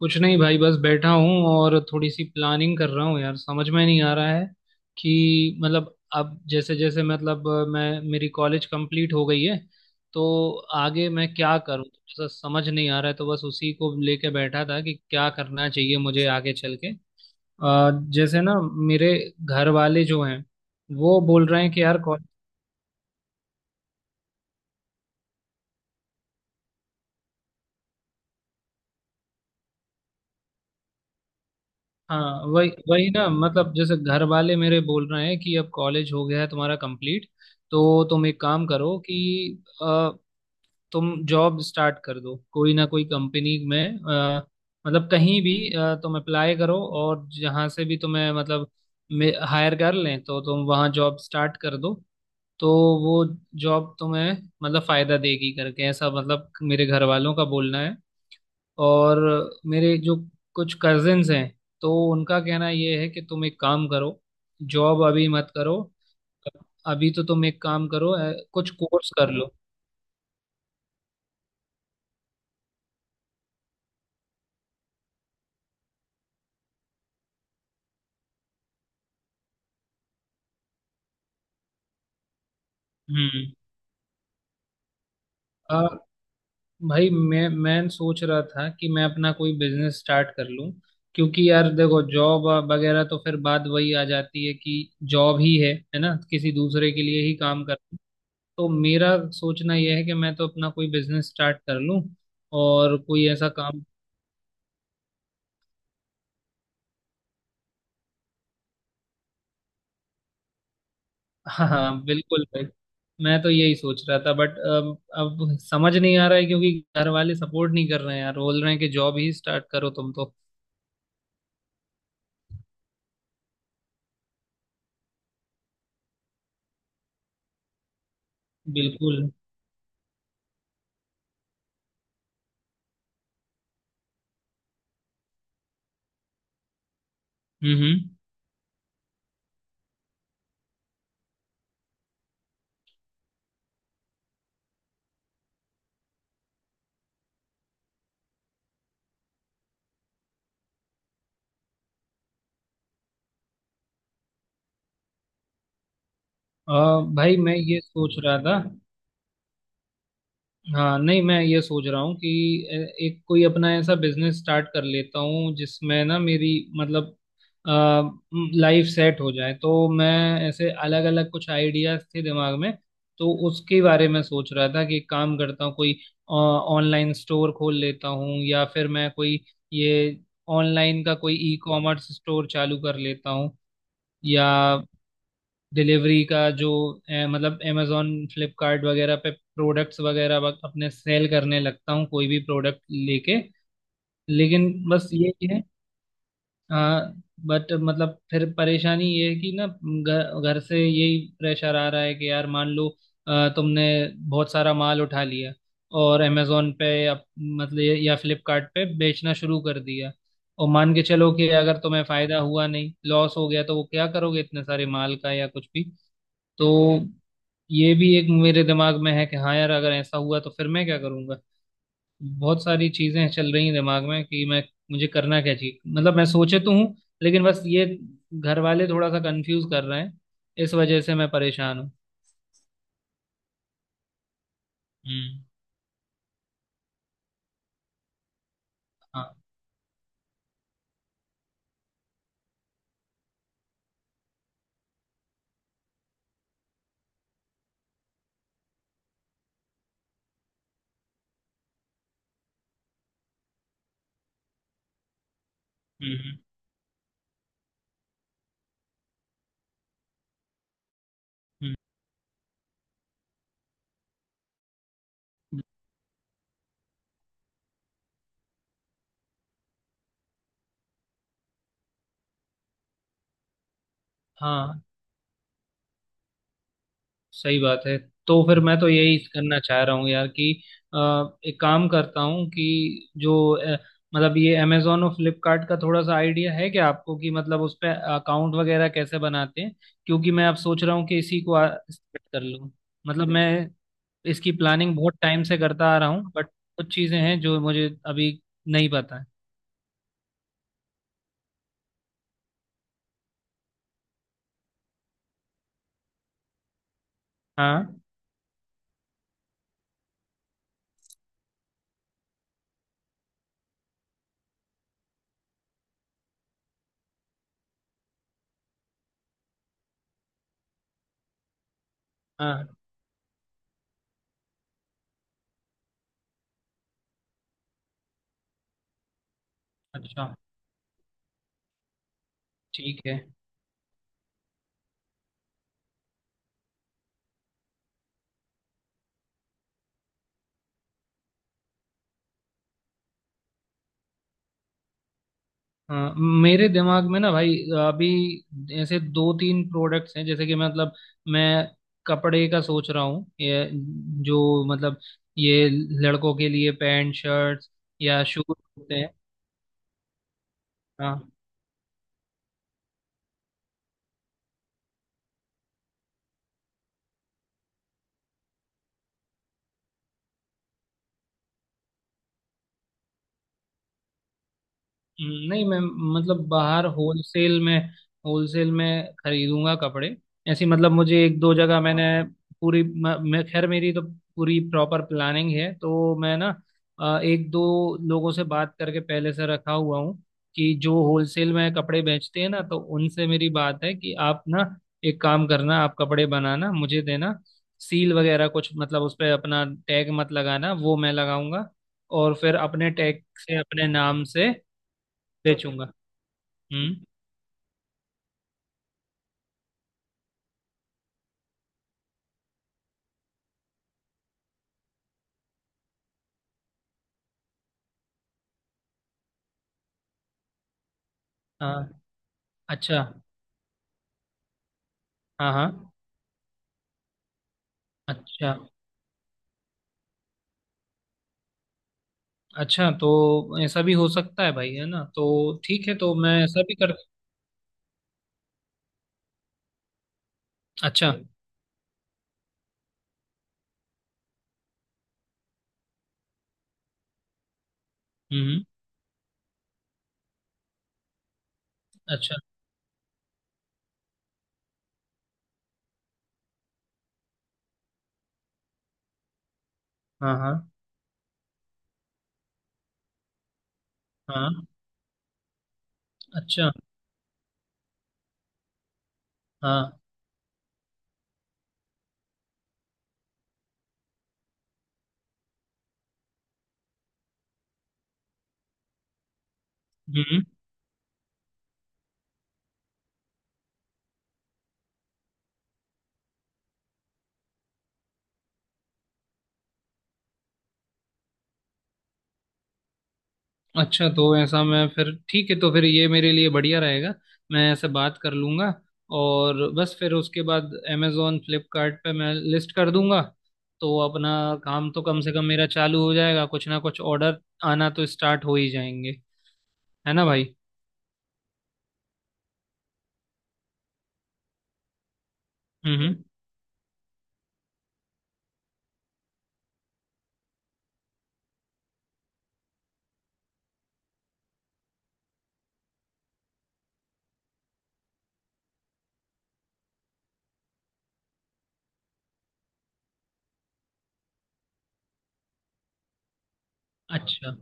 कुछ नहीं भाई, बस बैठा हूँ और थोड़ी सी प्लानिंग कर रहा हूँ यार, समझ में नहीं आ रहा है कि मतलब अब जैसे जैसे मतलब मैं मेरी कॉलेज कंप्लीट हो गई है तो आगे मैं क्या करूँ, थोड़ा सा समझ नहीं आ रहा है। तो बस उसी को लेके बैठा था कि क्या करना चाहिए मुझे आगे चल के। अ, जैसे ना, मेरे घर वाले जो हैं वो बोल रहे हैं कि यार, हाँ वही वही ना, मतलब जैसे घर वाले मेरे बोल रहे हैं कि अब कॉलेज हो गया है तुम्हारा कंप्लीट, तो तुम एक काम करो कि अ, तुम जॉब स्टार्ट कर दो कोई ना कोई कंपनी में। अ, मतलब कहीं भी तुम अप्लाई करो और जहाँ से भी तुम्हें मतलब हायर कर लें तो तुम वहाँ जॉब स्टार्ट कर दो। तो वो जॉब तुम्हें मतलब फायदा देगी करके ऐसा, मतलब मेरे घर वालों का बोलना है। और मेरे जो कुछ कजिन्स हैं तो उनका कहना ये है कि तुम एक काम करो, जॉब अभी मत करो। अभी तो तुम एक काम करो, कुछ कोर्स कर लो। हम्म। आ, भाई मैं सोच रहा था कि मैं अपना कोई बिजनेस स्टार्ट कर लूं, क्योंकि यार देखो जॉब वगैरह तो फिर बात वही आ जाती है कि जॉब ही है ना, किसी दूसरे के लिए ही काम कर। तो मेरा सोचना यह है कि मैं तो अपना कोई बिजनेस स्टार्ट कर लूं और कोई ऐसा काम। हाँ हाँ बिल्कुल भाई, मैं तो यही सोच रहा था, बट अब समझ नहीं आ रहा है क्योंकि घर वाले सपोर्ट नहीं कर रहे हैं यार, बोल रहे हैं कि जॉब ही स्टार्ट करो तुम तो। बिल्कुल। हम्म। भाई मैं ये सोच रहा था। हाँ नहीं, मैं ये सोच रहा हूँ कि एक कोई अपना ऐसा बिजनेस स्टार्ट कर लेता हूँ जिसमें ना मेरी मतलब लाइफ सेट हो जाए। तो मैं ऐसे अलग अलग कुछ आइडियाज थे दिमाग में, तो उसके बारे में सोच रहा था कि एक काम करता हूँ कोई ऑनलाइन स्टोर खोल लेता हूँ या फिर मैं कोई ये ऑनलाइन का कोई ई कॉमर्स स्टोर चालू कर लेता हूँ, या डिलीवरी का जो मतलब अमेजोन फ्लिपकार्ट वगैरह पे प्रोडक्ट्स वगैरह अपने सेल करने लगता हूँ कोई भी प्रोडक्ट लेके। लेकिन बस ये है, हाँ, बट मतलब फिर परेशानी ये है कि ना घर घर से यही प्रेशर आ रहा है कि यार मान लो तुमने बहुत सारा माल उठा लिया और अमेजोन पे या मतलब या फ्लिपकार्ट पे बेचना शुरू कर दिया, और मान के चलो कि अगर तुम्हें फायदा हुआ नहीं, लॉस हो गया, तो वो क्या करोगे इतने सारे माल का या कुछ भी। तो ये भी एक मेरे दिमाग में है कि हाँ यार अगर ऐसा हुआ तो फिर मैं क्या करूंगा। बहुत सारी चीजें चल रही हैं दिमाग में कि मैं मुझे करना क्या चाहिए, मतलब मैं सोचे तो हूँ, लेकिन बस ये घर वाले थोड़ा सा कंफ्यूज कर रहे हैं, इस वजह से मैं परेशान हूँ। हम्म। हाँ। हम्म। हम्म। हम्म। हाँ सही बात है। तो फिर मैं तो यही करना चाह रहा हूँ यार कि अ, एक काम करता हूँ कि जो मतलब ये अमेजोन और फ्लिपकार्ट का थोड़ा सा आइडिया है क्या आपको, कि मतलब उस पे अकाउंट वगैरह कैसे बनाते हैं? क्योंकि मैं अब सोच रहा हूँ कि इसी को स्टार्ट कर लूँ, मतलब मैं इसकी प्लानिंग बहुत टाइम से करता आ रहा हूँ बट कुछ चीज़ें हैं जो मुझे अभी नहीं पता है। हाँ हाँ। अच्छा। ठीक है। हाँ मेरे दिमाग में ना भाई, अभी ऐसे दो तीन प्रोडक्ट्स हैं, जैसे कि मैं कपड़े का सोच रहा हूँ, ये जो मतलब ये लड़कों के लिए पैंट शर्ट्स या शूज होते हैं। हाँ। नहीं मैं मतलब बाहर होलसेल में खरीदूंगा कपड़े। ऐसी मतलब मुझे एक दो जगह मैंने पूरी मैं, खैर मेरी तो पूरी प्रॉपर प्लानिंग है, तो मैं ना एक दो लोगों से बात करके पहले से रखा हुआ हूँ कि जो होलसेल में कपड़े बेचते हैं ना तो उनसे मेरी बात है कि आप ना एक काम करना, आप कपड़े बनाना मुझे देना, सील वगैरह कुछ मतलब उस पर अपना टैग मत लगाना, वो मैं लगाऊंगा, और फिर अपने टैग से अपने नाम से बेचूंगा। हम्म। हाँ। अच्छा। हाँ हाँ। अच्छा अच्छा तो ऐसा भी हो सकता है भाई, है ना? तो ठीक है, तो मैं ऐसा भी कर। अच्छा। हम्म। अच्छा। हाँ हाँ हाँ। अच्छा। हाँ। हम्म। अच्छा तो ऐसा मैं फिर, ठीक है तो फिर ये मेरे लिए बढ़िया रहेगा। मैं ऐसे बात कर लूंगा, और बस फिर उसके बाद अमेजोन फ्लिपकार्ट पे मैं लिस्ट कर दूंगा, तो अपना काम तो कम से कम मेरा चालू हो जाएगा, कुछ ना कुछ ऑर्डर आना तो स्टार्ट हो ही जाएंगे। है ना भाई? हम्म हम्म। अच्छा।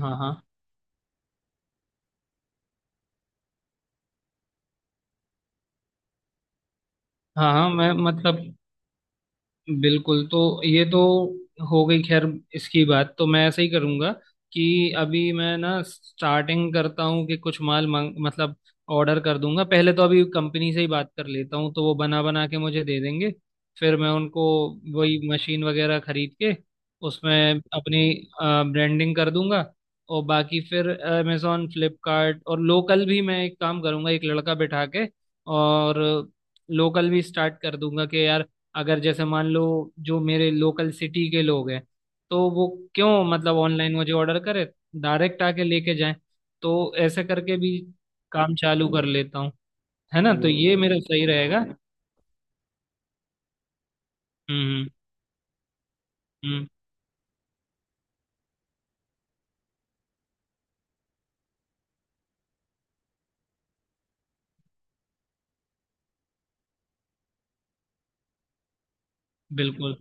हाँ हाँ हाँ। हाँ मैं मतलब बिल्कुल। तो ये तो हो गई, खैर इसकी बात तो मैं ऐसे ही करूंगा कि अभी मैं ना स्टार्टिंग करता हूँ कि कुछ माल मांग मतलब ऑर्डर कर दूंगा, पहले तो अभी कंपनी से ही बात कर लेता हूँ तो वो बना बना के मुझे दे देंगे, फिर मैं उनको वही मशीन वगैरह खरीद के उसमें अपनी ब्रांडिंग कर दूंगा, और बाकी फिर अमेजोन फ्लिपकार्ट और लोकल भी मैं एक काम करूंगा एक लड़का बैठा के, और लोकल भी स्टार्ट कर दूंगा कि यार अगर जैसे मान लो जो मेरे लोकल सिटी के लोग हैं, तो वो क्यों मतलब ऑनलाइन मुझे ऑर्डर करे, डायरेक्ट आके लेके जाए, तो ऐसे करके भी काम चालू कर लेता हूँ। है ना? तो ये मेरा सही रहेगा। हम्म। हम्म। हम्म। बिल्कुल।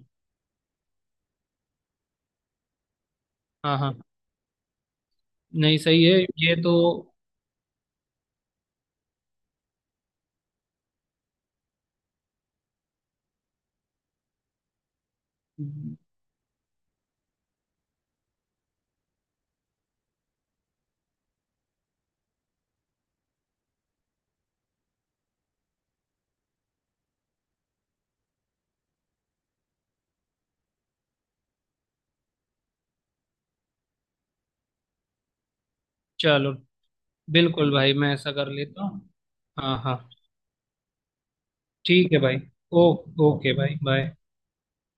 हाँ हाँ। नहीं सही है ये तो। चलो, बिल्कुल भाई मैं ऐसा कर लेता हूँ। हाँ हाँ। ठीक है भाई। ओ, ओके भाई, बाय।